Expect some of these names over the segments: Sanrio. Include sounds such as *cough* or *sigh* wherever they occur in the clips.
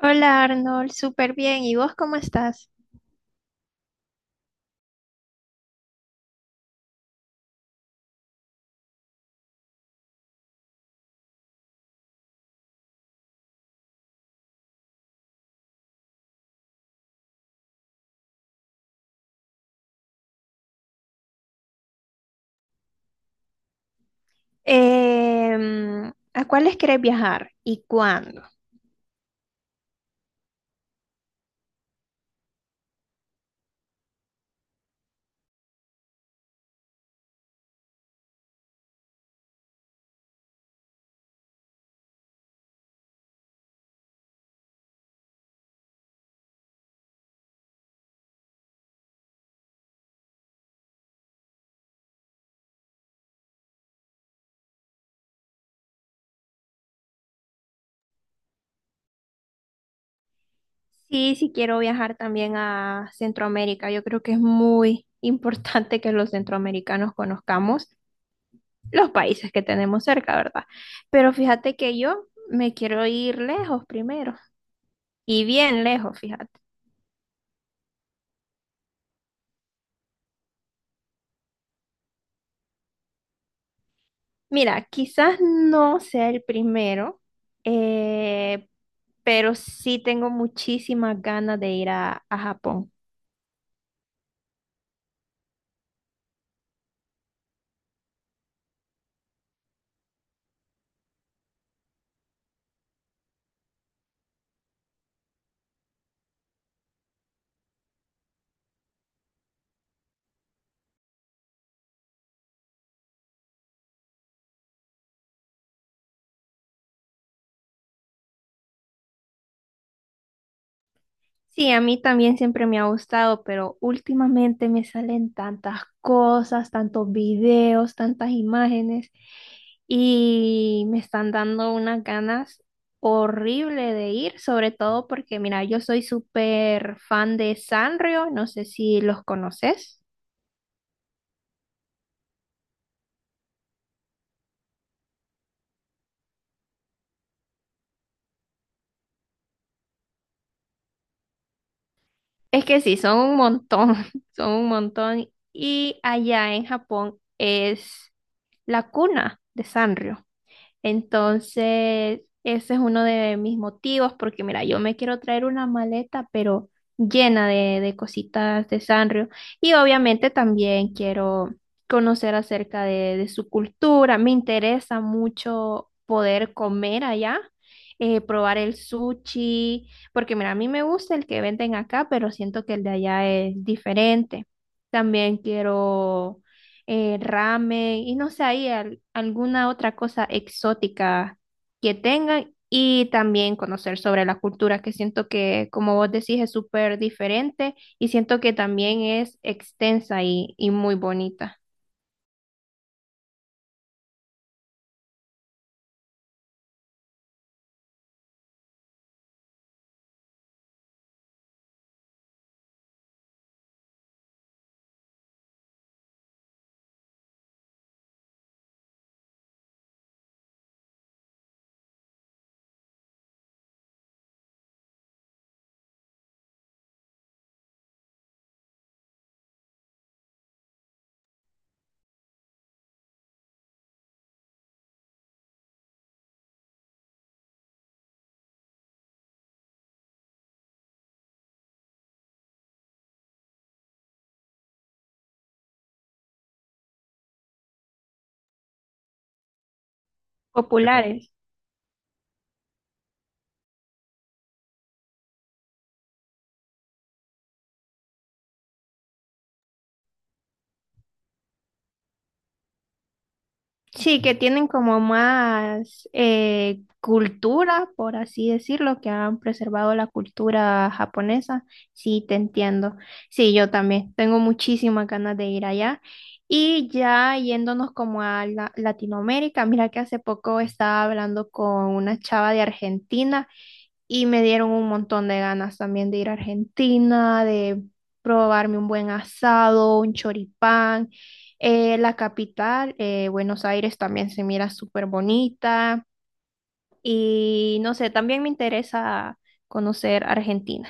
Hola Arnold, súper bien. ¿Y vos cómo estás? ¿A cuáles querés viajar y cuándo? Sí, sí quiero viajar también a Centroamérica. Yo creo que es muy *laughs* importante que los centroamericanos conozcamos los países que tenemos cerca, ¿verdad? Pero fíjate que yo me quiero ir lejos primero y bien lejos, fíjate. Mira, quizás no sea el primero, eh, pero sí tengo muchísimas ganas de ir a Japón. Sí, a mí también siempre me ha gustado, pero últimamente me salen tantas cosas, tantos videos, tantas imágenes y me están dando unas ganas horrible de ir, sobre todo porque, mira, yo soy súper fan de Sanrio, no sé si los conoces. Es que sí, son un montón, *laughs* son un montón. Y allá en Japón es la cuna de Sanrio. Entonces, ese es uno de mis motivos, porque mira, yo me quiero traer una maleta, pero llena de cositas de Sanrio. Y obviamente también quiero conocer acerca de su cultura. Me interesa mucho poder comer allá, probar el sushi, porque mira, a mí me gusta el que venden acá, pero siento que el de allá es diferente. También quiero ramen y no sé, ahí alguna otra cosa exótica que tengan y también conocer sobre la cultura, que siento que, como vos decís, es súper diferente y siento que también es extensa y muy bonita. Populares. Sí, que tienen como más cultura, por así decirlo, que han preservado la cultura japonesa. Sí, te entiendo. Sí, yo también. Tengo muchísimas ganas de ir allá. Y ya yéndonos como a Latinoamérica, mira que hace poco estaba hablando con una chava de Argentina y me dieron un montón de ganas también de ir a Argentina, de probarme un buen asado, un choripán. La capital, Buenos Aires, también se mira súper bonita. Y no sé, también me interesa conocer Argentina.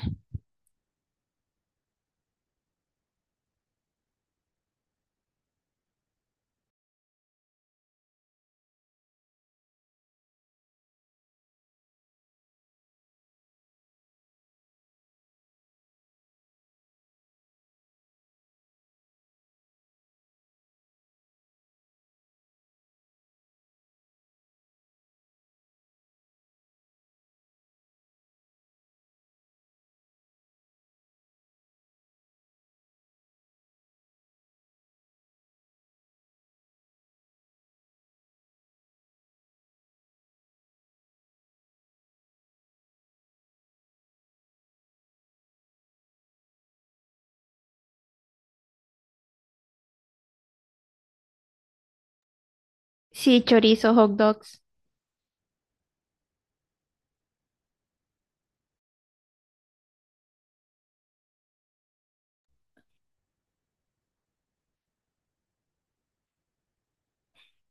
Sí, chorizos, hot dogs.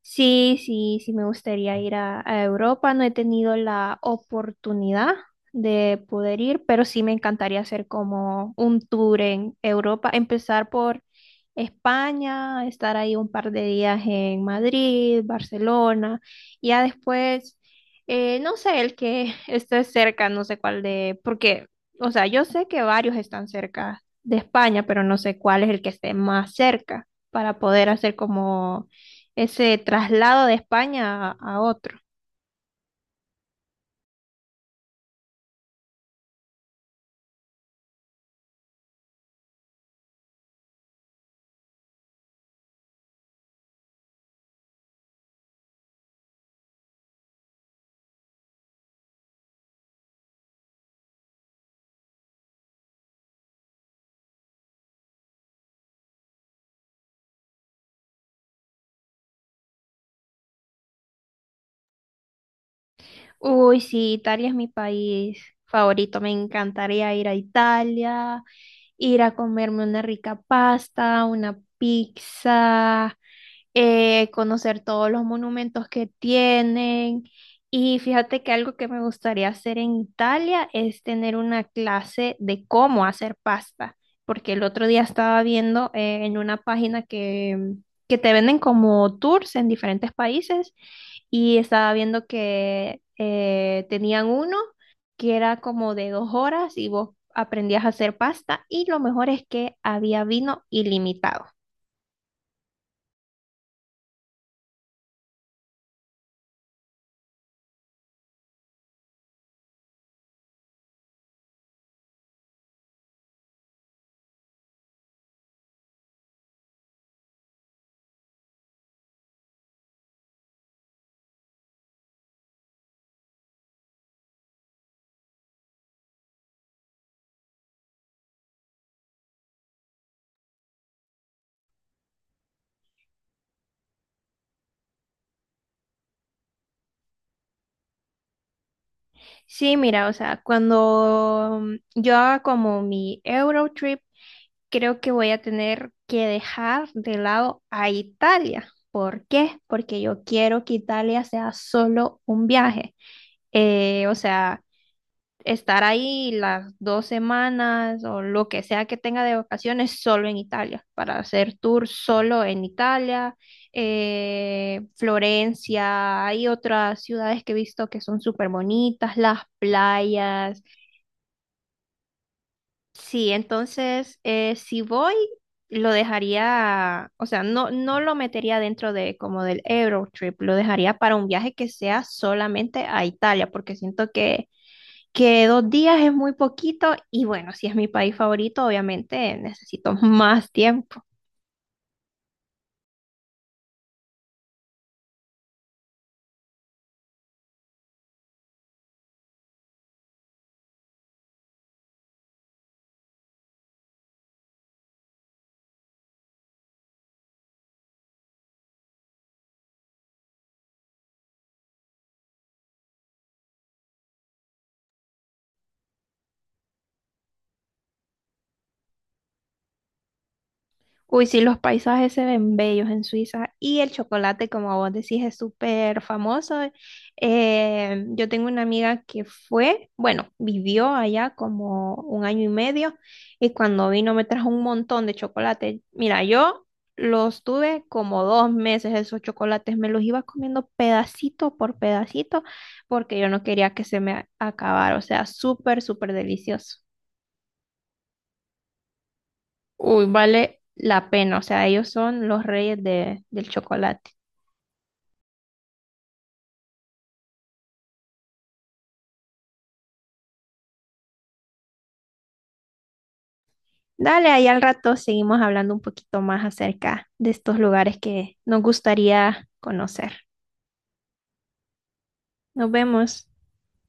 Sí, sí, sí, me gustaría ir a Europa. No he tenido la oportunidad de poder ir, pero sí me encantaría hacer como un tour en Europa, empezar por España, estar ahí un par de días en Madrid, Barcelona, y ya después, no sé, el que *laughs* esté cerca, no sé cuál de, porque, o sea, yo sé que varios están cerca de España, pero no sé cuál es el que esté más cerca para poder hacer como ese traslado de España a otro. Uy, sí, Italia es mi país favorito. Me encantaría ir a Italia, ir a comerme una rica pasta, una pizza, conocer todos los monumentos que tienen. Y fíjate que algo que me gustaría hacer en Italia es tener una clase de cómo hacer pasta, porque el otro día estaba viendo en una página que te venden como tours en diferentes países y estaba viendo que tenían uno que era como de 2 horas y vos aprendías a hacer pasta y lo mejor es que había vino ilimitado. Sí, mira, o sea, cuando yo haga como mi Eurotrip, creo que voy a tener que dejar de lado a Italia. ¿Por qué? Porque yo quiero que Italia sea solo un viaje. O sea, estar ahí las 2 semanas o lo que sea que tenga de vacaciones solo en Italia, para hacer tour solo en Italia, Florencia, hay otras ciudades que he visto que son súper bonitas, las playas. Sí, entonces si voy, lo dejaría, o sea, no, no lo metería dentro de como del Eurotrip, lo dejaría para un viaje que sea solamente a Italia, porque siento que, 2 días es muy poquito y bueno, si es mi país favorito, obviamente necesito *laughs* más tiempo. Uy, sí, los paisajes se ven bellos en Suiza y el chocolate, como vos decís, es súper famoso. Yo tengo una amiga que fue, bueno, vivió allá como 1 año y medio y cuando vino me trajo un montón de chocolate. Mira, yo los tuve como 2 meses esos chocolates, me los iba comiendo pedacito por pedacito porque yo no quería que se me acabara, o sea, súper, súper delicioso. Uy, vale la pena. O sea, ellos son los reyes del chocolate. Dale, ahí al rato seguimos hablando un poquito más acerca de estos lugares que nos gustaría conocer. Nos vemos.